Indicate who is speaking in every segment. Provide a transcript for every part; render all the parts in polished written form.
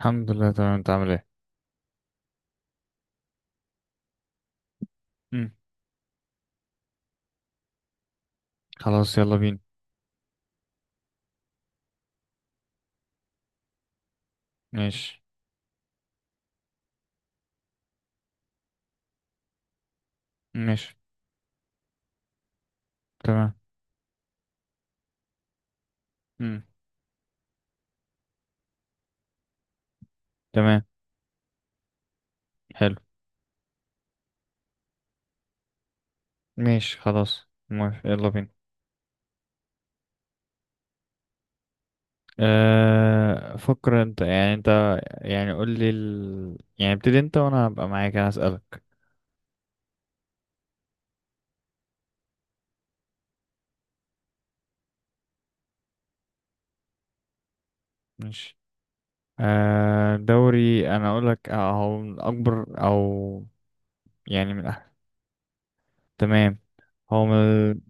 Speaker 1: الحمد لله، تمام. انت عامل ايه؟ مم. خلاص، يلا بينا. ماشي. ماشي. تمام. مم. تمام. حلو. ماشي، خلاص، موافق، يلا بينا. أه، فكر انت يعني قول لي يعني ابتدي انت، وانا هبقى معاك، انا هسألك. ماشي. أه، دوري انا. اقول لك هو من اكبر يعني من أحد. تمام. هو من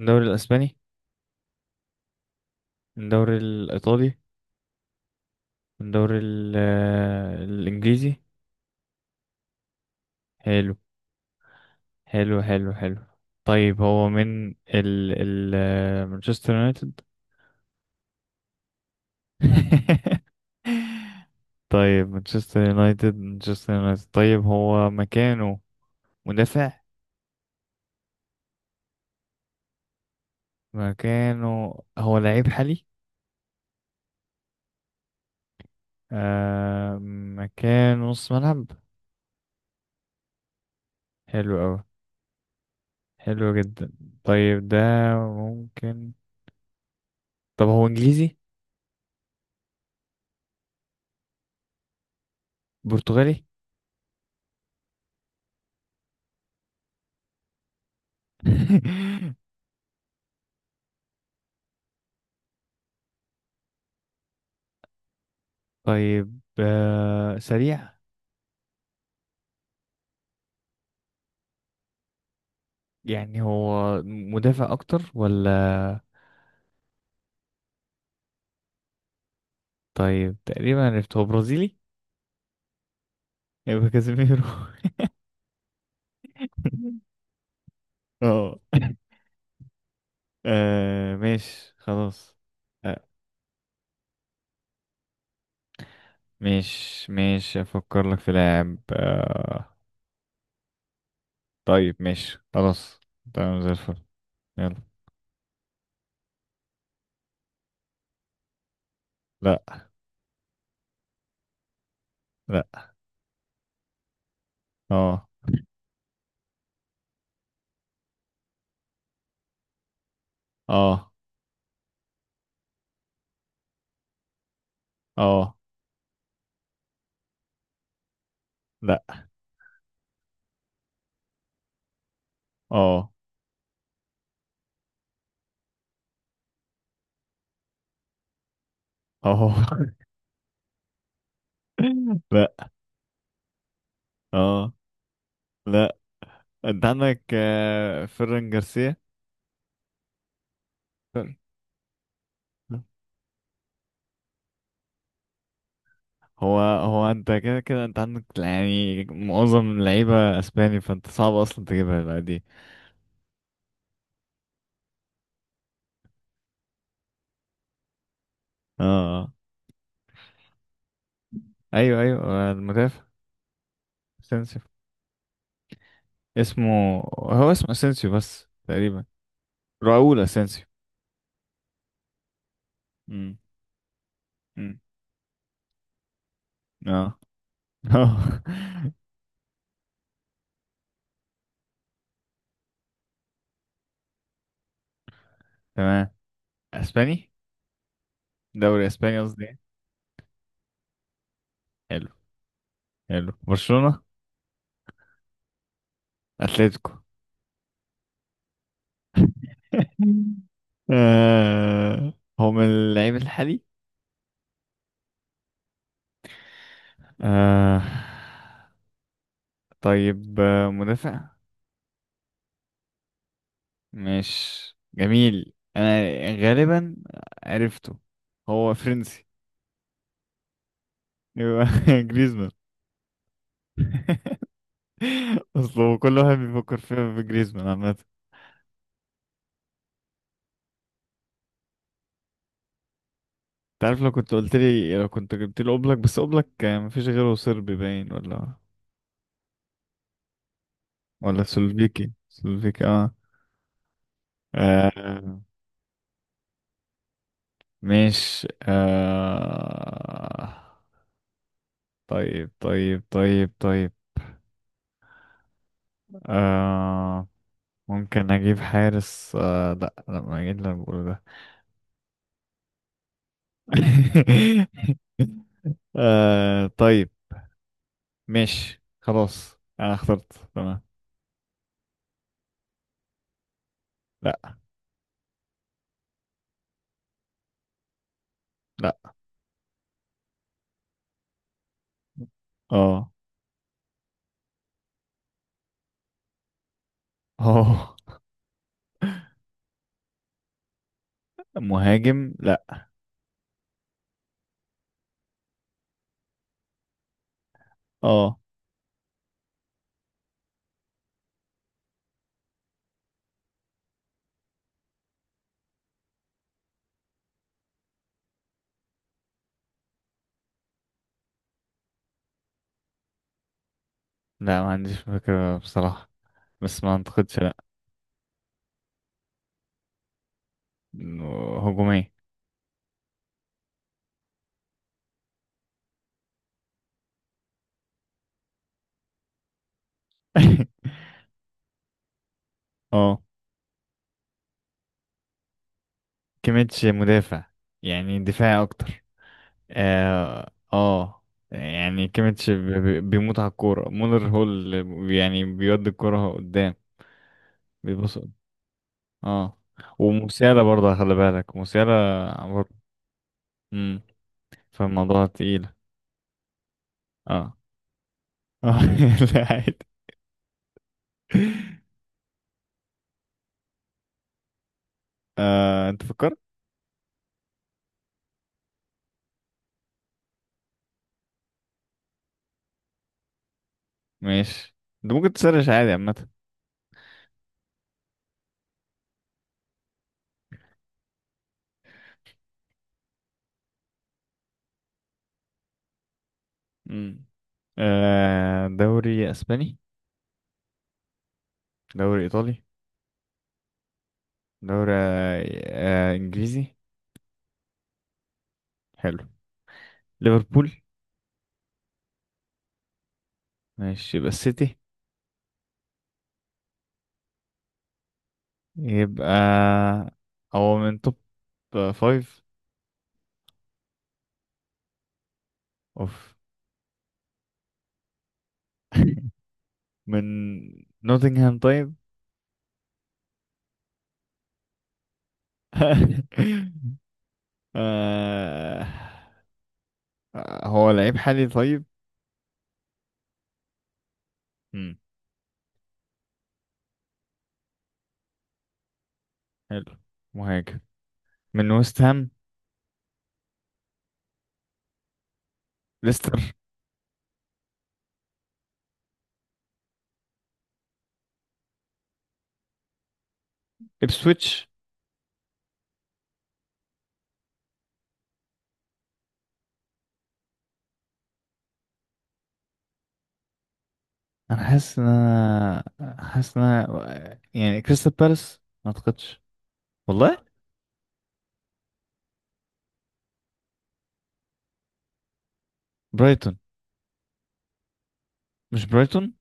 Speaker 1: الدوري الاسباني؟ من الدوري الايطالي؟ من الدوري الانجليزي؟ حلو، حلو، حلو، حلو. طيب، هو من ال مانشستر يونايتد؟ طيب، مانشستر يونايتد، مانشستر يونايتد. طيب، هو مكانه مدافع؟ مكانه، هو لعيب حالي؟ آه. مكانه نص ملعب؟ حلو أوي. حلو جدا. طيب، ده ممكن. طب هو انجليزي؟ برتغالي؟ طيب، سريع؟ يعني هو مدافع اكتر ولا؟ طيب، تقريبا عرفت. هو برازيلي؟ يبقى كازيميرو؟ اه. آه، ماشي، خلاص. آه، مش، افكر لك في لاعب. طيب، ماشي، خلاص. تمام، زي الفل. يلا. لا. لا. اه. اه. اه. لا. اه. اه. لا. اه. لا. انت عندك فيران جارسيا. هو انت، كده كده، انت عندك يعني معظم اللعيبة اسباني، فانت صعب اصلا تجيبها بقى دي. اه، اه. ايوه، ايوه، المدافع. اسينسيو. اسمه اسينسيو بس تقريبا. راؤول اسينسيو. امم. امم. اه. اه. تمام. اسباني؟ دوري اسباني قصدي، إيه؟ حلو. حلو. برشلونة؟ اتلتيكو؟ آه، هو من اللعيب الحالي؟ آه. طيب، مدافع؟ مش جميل. انا غالبا عرفته. هو فرنسي؟ يبقى جريزمان؟ اصل كل واحد بيفكر فيها في جريزمان عامه، انت عارف. لو كنت جبت لي اوبلاك، بس اوبلاك كان مفيش غيره. صربي باين ولا... ولا سلوفيكي، سلوفيكي. اه. آه. مش. طيب، طيب، طيب، طيب. آه ممكن اجيب حارس، لا، لا، ما اجيب اللي أنا بقوله ده. طيب. ماشي، خلاص، انا اخترت. تمام. لا. لا. اه. اه. مهاجم؟ لا. اه. لا، ما عنديش فكرة بصراحة. بس ما اعتقدش. لا. إنه هجومي. اه. كيميتش مدافع. يعني دفاعي اكتر. اه، اه. يعني كيميتش بيموت على الكورة. مولر هو اللي يعني بيودي الكورة قدام. بيبص. اه. ومسيالة برضه، خلي بالك، مسيالة. برضه. امم. فالموضوع تقيل. اه. اه. لا، عادي. انت فكرت؟ ماشي. انت ممكن تسرش عادي، عامة. امم. دوري اسباني؟ دوري ايطالي؟ دوري انجليزي؟ حلو. ليفربول؟ ماشي، يبقى السيتي؟ يبقى هو من توب فايف؟ اوف. من نوتنغهام، طيب؟ آه. هو لعيب حالي؟ طيب. مم. حلو. مهاجم. من ويست هام؟ ليستر؟ Ipswich؟ انا حاسس ان انا يعني، كريستال بالاس ما اعتقدش. والله. برايتون؟ مش برايتون؟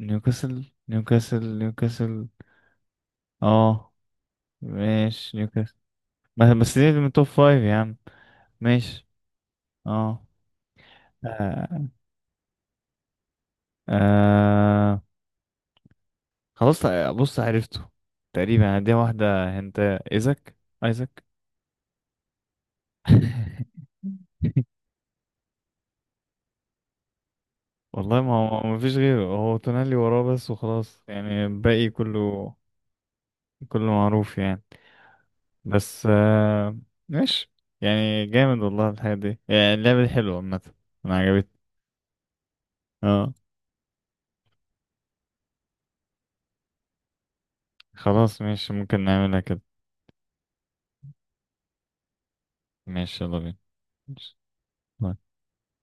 Speaker 1: نيوكاسل؟ نيوكاسل، نيوكاسل، اه. ماشي، نيوكاسل. بس دي من توب فايف يا عم. ماشي. اه. آه. آه. خلاص. بص، عرفته. تقريبا. دي واحدة. هنت. ايزك؟ ايزك. والله، ما هو ما فيش غيره. هو تونالي وراه بس، وخلاص يعني الباقي كله، كله معروف يعني. بس، ماشي. يعني جامد والله، الحاجة دي، يعني اللعبة دي حلوة عامة. أنا عجبتني. اه. خلاص، ماشي، ممكن نعملها كده. ماشي، يلا بينا. ماشي.